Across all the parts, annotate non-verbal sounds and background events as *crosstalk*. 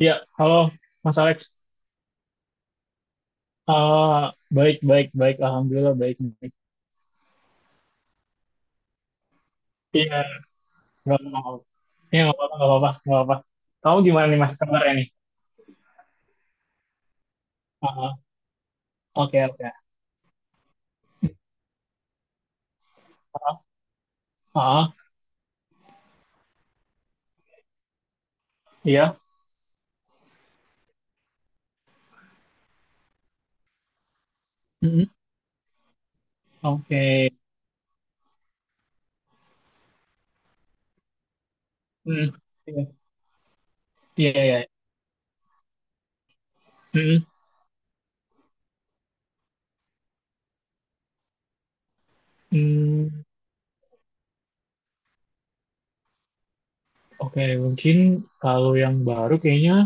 Iya, halo Mas Alex. Ah, Baik, baik, baik. Alhamdulillah baik. Baik. Iya, nggak apa-apa. Iya, nggak apa-apa, nggak apa-apa, nggak apa-apa. Kamu gimana nih Mas kabarnya nih? Ah, oke, oke. Ah, ah, iya. Mm-mm. Oke. Mm, Iya, iya, iya. Mm-mm. Mm, Oke, mungkin kalau yang baru kayaknya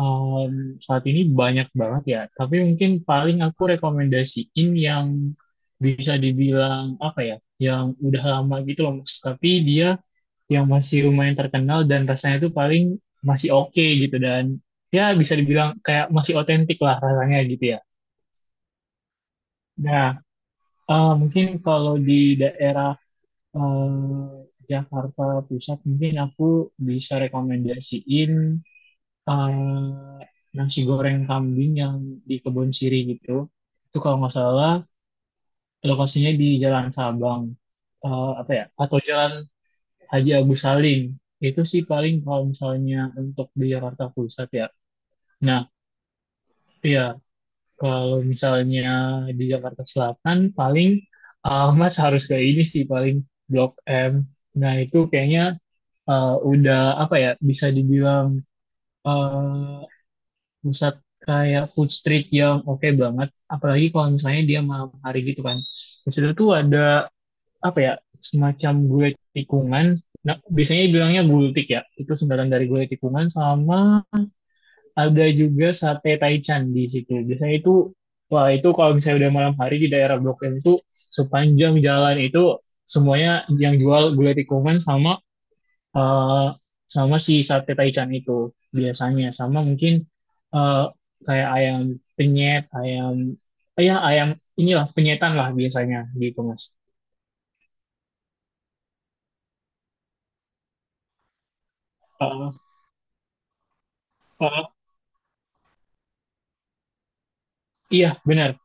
Um, saat ini banyak banget ya, tapi mungkin paling aku rekomendasiin yang bisa dibilang apa ya, yang udah lama gitu loh, Mas. Tapi dia yang masih lumayan terkenal dan rasanya tuh paling masih oke gitu dan ya bisa dibilang kayak masih otentik lah rasanya gitu ya. Nah, mungkin kalau di daerah eh, Jakarta Pusat mungkin aku bisa rekomendasiin eh, nasi goreng kambing yang di Kebon Siri gitu. Itu kalau nggak salah lokasinya di Jalan Sabang, apa ya? Atau Jalan Haji Agus Salim. Itu sih paling kalau misalnya untuk di Jakarta Pusat ya. Nah, iya kalau misalnya di Jakarta Selatan paling Mas harus ke ini sih paling Blok M. Nah, itu kayaknya udah apa ya? Bisa dibilang eh, pusat kayak food street yang oke banget apalagi kalau misalnya dia malam hari gitu kan terus itu tuh ada apa ya semacam gulai tikungan nah biasanya bilangnya gultik ya itu singkatan dari gulai tikungan sama ada juga sate taichan di situ biasanya itu wah itu kalau misalnya udah malam hari di daerah Blok M itu sepanjang jalan itu semuanya yang jual gulai tikungan sama eh, sama si sate taichan itu biasanya sama mungkin eh, kayak ayam penyet, ayam ya ayam inilah penyetan lah biasanya gitu Mas. Eh, eh, iya benar.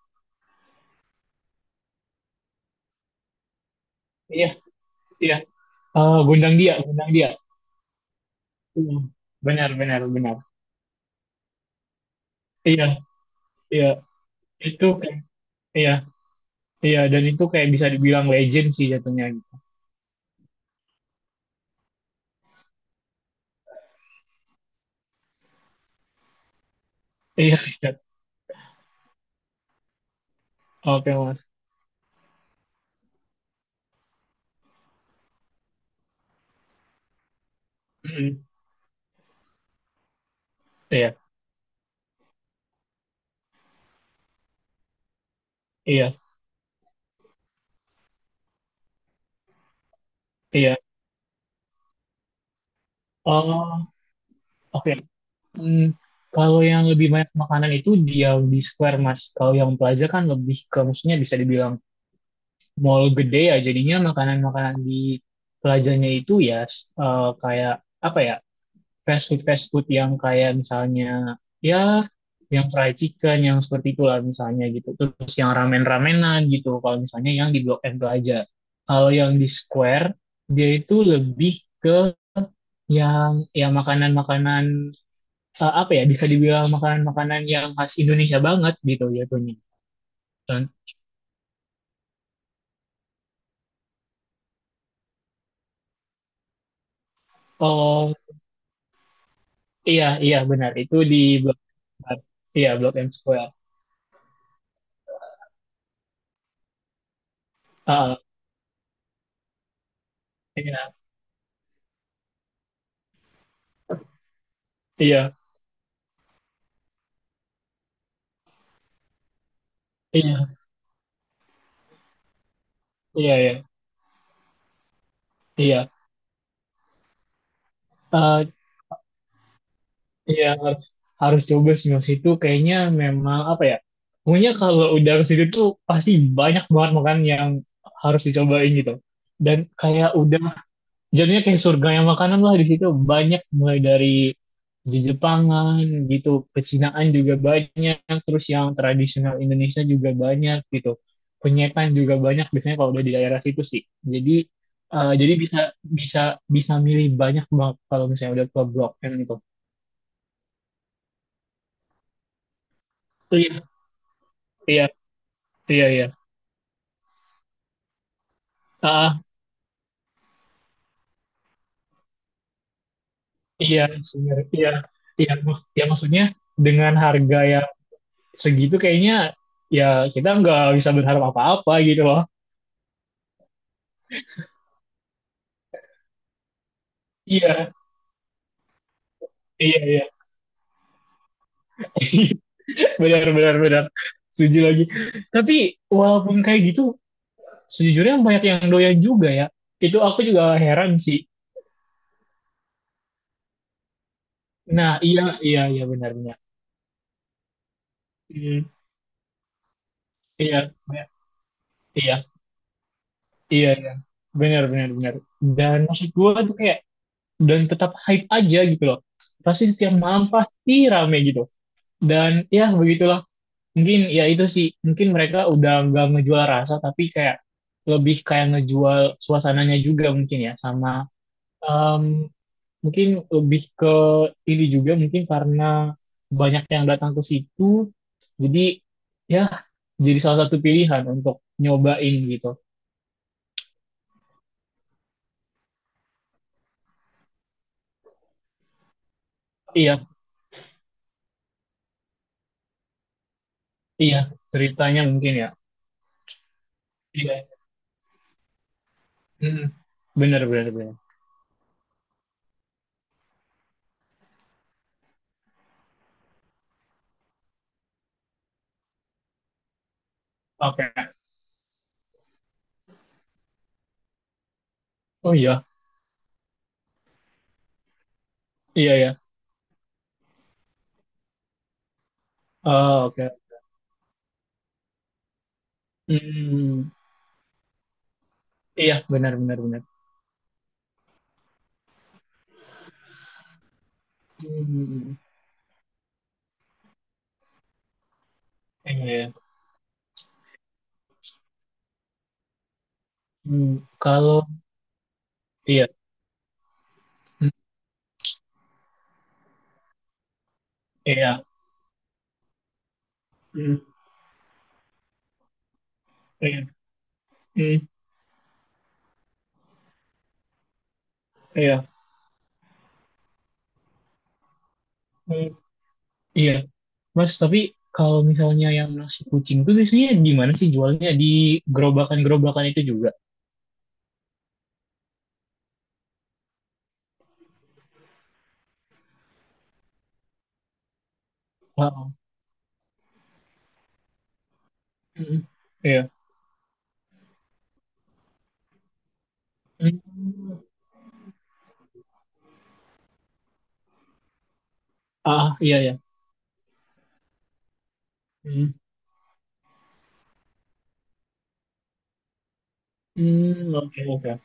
Iya, iya. Gondang Dia, Gondang Dia. Iya, benar, benar, benar. Iya, iya. Itu iya, iya dan itu kayak bisa dibilang legend sih jatuhnya gitu. Iya, iya. Oke, Mas. Mm, Iya, iya, iya. Oh, oke. Hmm, kalau yang lebih banyak makanan itu di yang di Square Mas. Kalau yang Plaza kan lebih ke maksudnya bisa dibilang mall gede ya. Jadinya makanan-makanan di Plazanya itu ya kayak apa ya fast food yang kayak misalnya ya yang fried chicken yang seperti itulah misalnya gitu. Terus yang ramen-ramenan gitu. Kalau misalnya yang di Blok M Plaza. Kalau yang di Square dia itu lebih ke yang ya makanan-makanan apa ya bisa dibilang makanan-makanan yang khas Indonesia banget gitu jatuhnya. Con- Oh iya, iya benar itu di Blok M. Iya Blok M Square. Ah, iya, iya, iya, iya, iya, iya. Eh, iya harus, harus coba sih Mas. Itu kayaknya memang apa ya? Pokoknya kalau udah ke situ tuh pasti banyak banget makanan yang harus dicobain gitu. Dan kayak udah. Jadinya kayak surga yang makanan lah di situ banyak mulai dari Jepangan gitu, pecinaan juga banyak, terus yang tradisional Indonesia juga banyak gitu, penyetan juga banyak biasanya kalau udah di daerah situ sih. Jadi jadi bisa bisa bisa milih banyak banget kalau misalnya udah ke Blok M gitu. Itu. Iya, iya, iya, iya. Ah, iya sebenarnya iya iya ya maksudnya dengan harga yang segitu kayaknya ya kita nggak bisa berharap apa-apa gitu loh. Iya. Iya, iya. *laughs* Benar, benar, benar. Setuju lagi. Tapi walaupun kayak gitu, sejujurnya banyak yang doyan juga ya. Itu aku juga heran sih. Nah, iya, iya, iya, benar, benar. Hmm, iya, iya, iya, iya, iya. Benar, benar, benar. Dan maksud gue tuh kayak, dan tetap hype aja gitu loh. Pasti setiap malam pasti rame gitu. Dan ya begitulah. Mungkin ya itu sih, mungkin mereka udah nggak ngejual rasa, tapi kayak lebih kayak ngejual suasananya juga mungkin ya, sama Em, mungkin lebih ke ini juga mungkin karena banyak yang datang ke situ, jadi ya jadi salah satu pilihan untuk nyobain gitu. Iya, iya ceritanya mungkin ya. Iya, mm, bener bener bener. Oke. Oh iya, iya ya. Oh, oke. Hmm, iya benar benar benar. Hmm, iya. Iya. Hmm, kalau iya, hmm, iya, hmm, iya, hmm, iya. Mm. Iya, Mas, tapi kalau misalnya yang nasi kucing tuh biasanya di mana sih jualnya? Di gerobakan-gerobakan itu juga. Wow. Mm, iya. Mm. Iya, iya. Mm. Mm, oke, oke.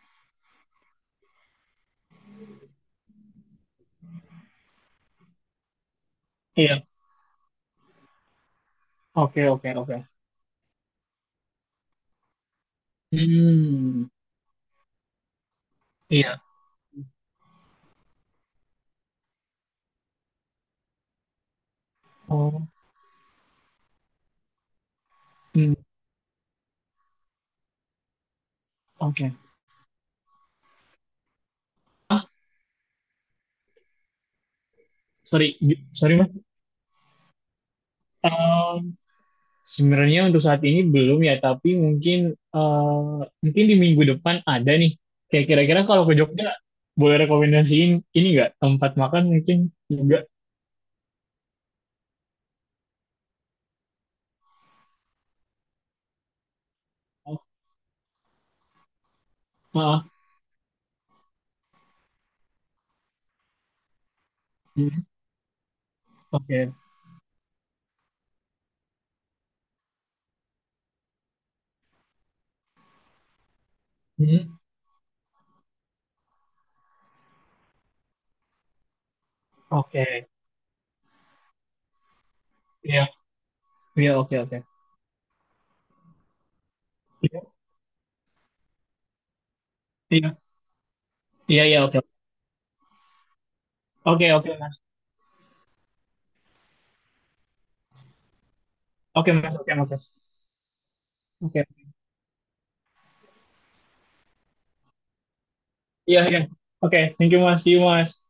Iya, oke, oke, oke. Hmm, iya. Oh, hmm, oke. Ah, Sorry, sorry Mas. Eh, Sebenarnya untuk saat ini belum ya, tapi mungkin eh, mungkin di minggu depan ada nih. Kayak kira-kira kalau ke Jogja boleh rekomendasiin ini nggak tempat makan mungkin juga. Oh, maaf. Hmm, oke. Hmm, oke. Iya, iya oke oke. Iya, iya, iya iya, oke. Oke oke Mas. Oke Mas, oke Mas. Oke. Iya iya. Oke, thank you Mas. See you Mas.